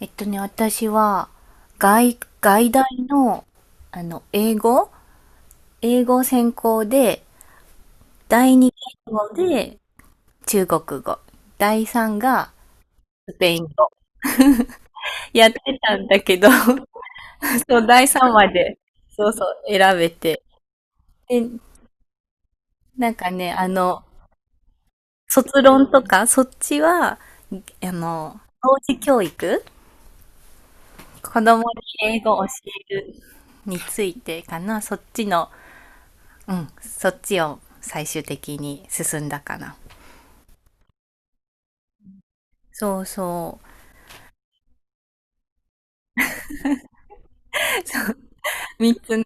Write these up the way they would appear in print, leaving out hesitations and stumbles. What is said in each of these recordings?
私は、外大の、あの、英語英語専攻で、第二言語で中国語。第三がスペイン語。やってたんだけど、そう、第三まで、そうそう、選べて。で、なんかね、あの、卒論とか、そっちは、あの、幼児教育子供に英語を教えるについてかな、そっちを最終的に進んだかな。そうそう。3つのを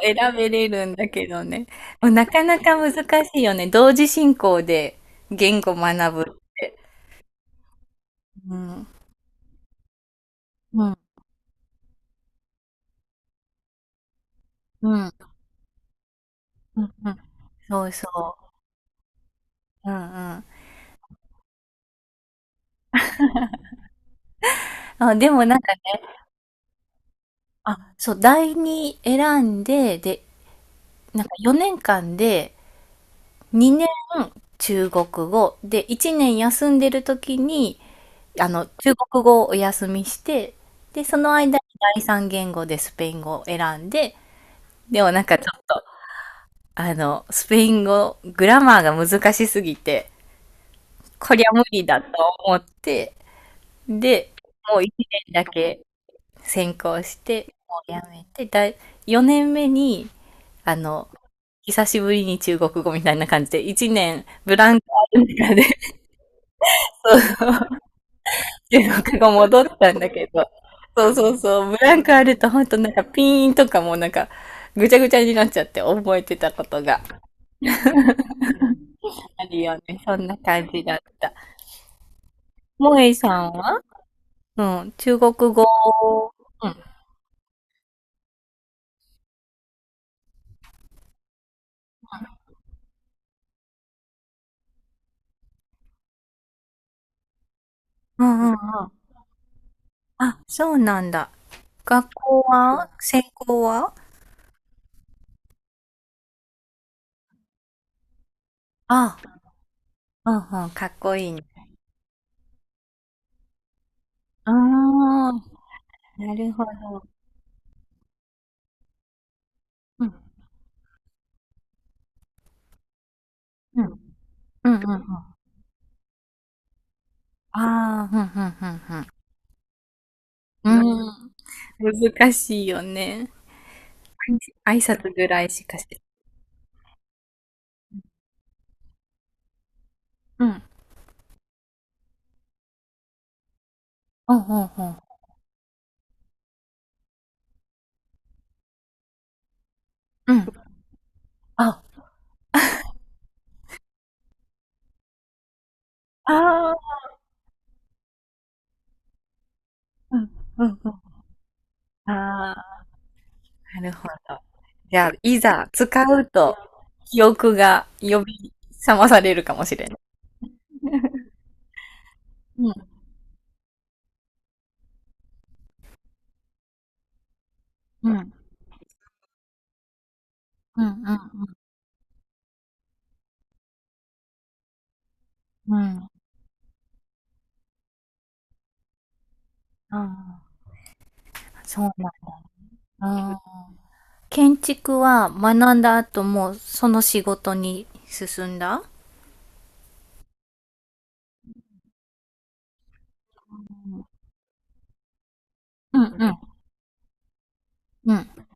選べれるんだけどね。もうなかなか難しいよね。同時進行で言語学ぶって。うん。うん。うん。うん。うんそうそう。うんうん。あ、でもなんかね、あ、そう、第2選んで、で、なんか4年間で2年中国語で1年休んでる時に中国語をお休みして、で、その間に第三言語でスペイン語を選んで、でもなんかちょっと、あの、スペイン語、グラマーが難しすぎて、こりゃ無理だと思って、で、もう1年だけ専攻して、もうやめて、4年目に、あの、久しぶりに中国語みたいな感じで、1年ブランクある中で、で、なんか戻ったんだけど、そうそうそう、ブランクあるとほんとなんかピーンとかもうなんかぐちゃぐちゃになっちゃって覚えてたことがあるよね。そんな感じだった。萌えさんはうん、中国語。うん。うんうんうん。あ、そうなんだ。学校は専攻はあ、うんうん、かっこいいね。ああ、なるほど。うん、うん、うん、うん。うんああ、うん、うん、うん、うん。うん、難しいよね。挨拶ぐらいしかして。うん。うんうんうん。うん。あ、ああうんうん。あ。ん。ああ。なるほど。じゃあ、いざ使うと、記憶が呼び覚まされるかもしれない。うん。うんうんうん。うん。ああ、そうなんだ。建築は学んだ後もその仕事に進んだうんうん。うん。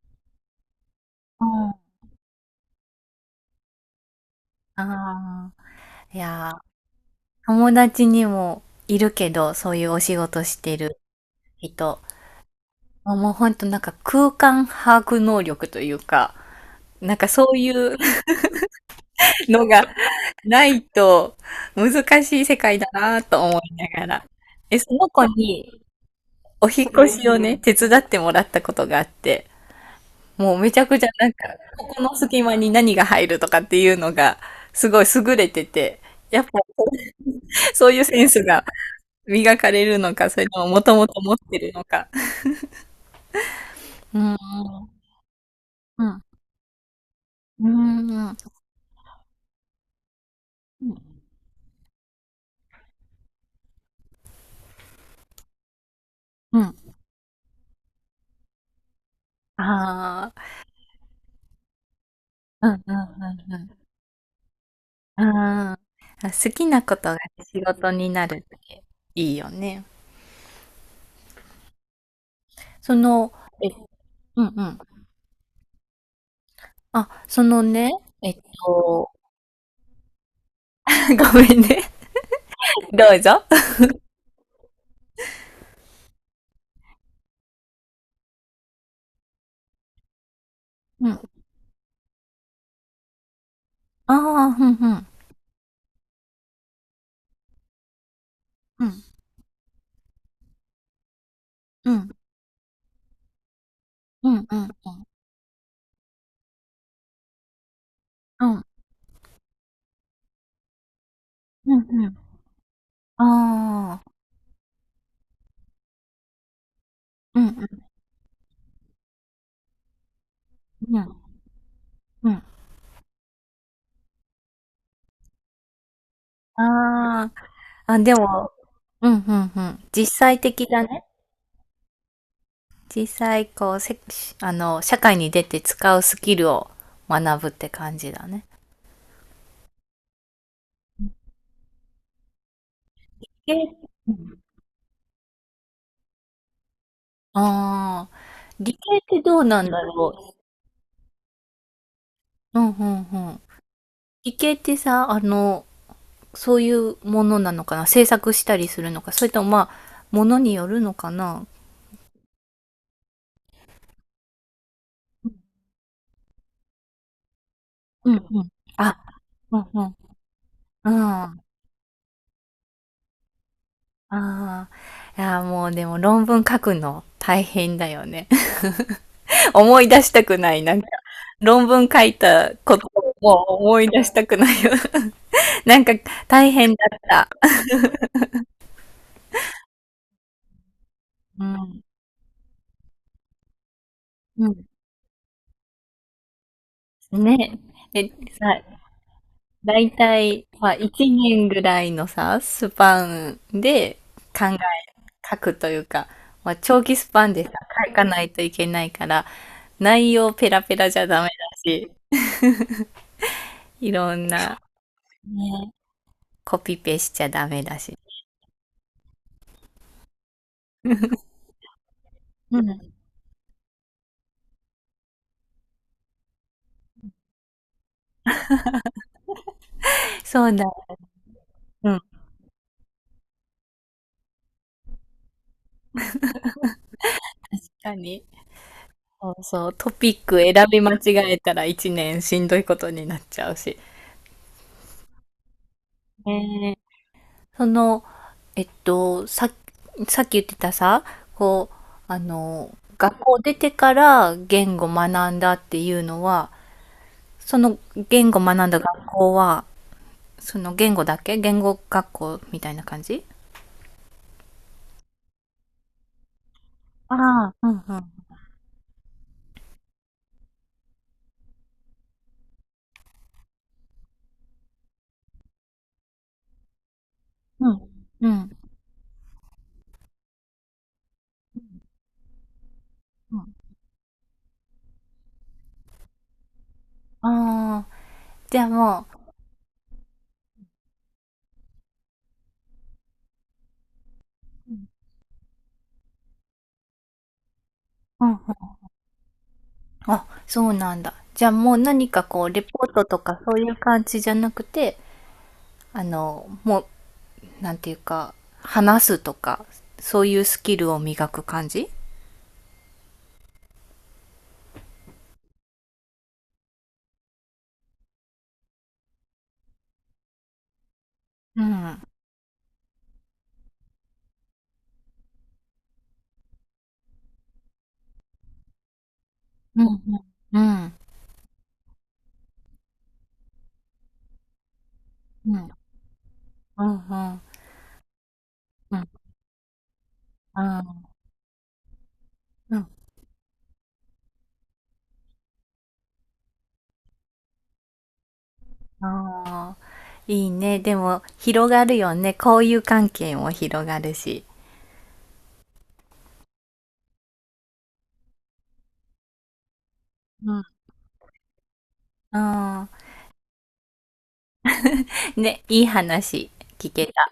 ああ。いや友達にもいるけど、そういうお仕事してる人。あもうほんとなんか空間把握能力というか、なんかそういう のがないと難しい世界だなと思いながら。え、その子にお引っ越しをね、手伝ってもらったことがあって、もうめちゃくちゃなんか、ここの隙間に何が入るとかっていうのがすごい優れてて、やっぱそういうセンスが磨かれるのか、それとももともと持ってるのか。うんうん。うん。うん、うん。うん。ああ、うんうんうんうん。あーあ、好きなことが仕事になるっていいよね。その、えうんうん。あ、そのね、えっと、ごめんね。どうぞ。うん。ああ、うんうんうんうん。うん。うんうん。うんうんああ。うんうんうん。うん。ああ。あ、でもうん、うんうん。実際的だね。実際こうせ社会に出て使うスキルを学ぶって感じだね。え、うんああ、理系ってどうなんだろう。うんうんうん。理系ってさ、そういうものなのかな、制作したりするのか、それともまあ、ものによるのかな。うんうん。あ、うんうん。うん。ああ。いや、もうでも論文書くの大変だよね。思い出したくない。論文書いたことをもう思い出したくないよ。なんか、大変だった。うん。うん。ね。え、さ、だいたい、まあ、1年ぐらいのさ、スパンで考え、書くというか、まあ、長期スパンでさ、書かないといけないから、内容ペラペラじゃダメだし、いろんな、ね、コピペしちゃダメだし。うん。そうだ。うん。何そうそう、トピック選び間違えたら一年しんどいことになっちゃうし。ねえその、えっと、さ、さっき言ってたさ、こう、学校出てから言語学んだっていうのは、その言語学んだ学校は、その言語だけ言語学校みたいな感じああ、うんうん。うん。うん。うんああ、じゃあもう、うんあ、そうなんだ。じゃあもう何かこう、レポートとかそういう感じじゃなくて、あの、もう、なんていうか、話すとか、そういうスキルを磨く感じうん。うんうん。うん。うん。うん。うん。うん。うん。ああ、いいね。でも、広がるよね。交友関係も広がるし。うん。うん。ね、いい話聞けた。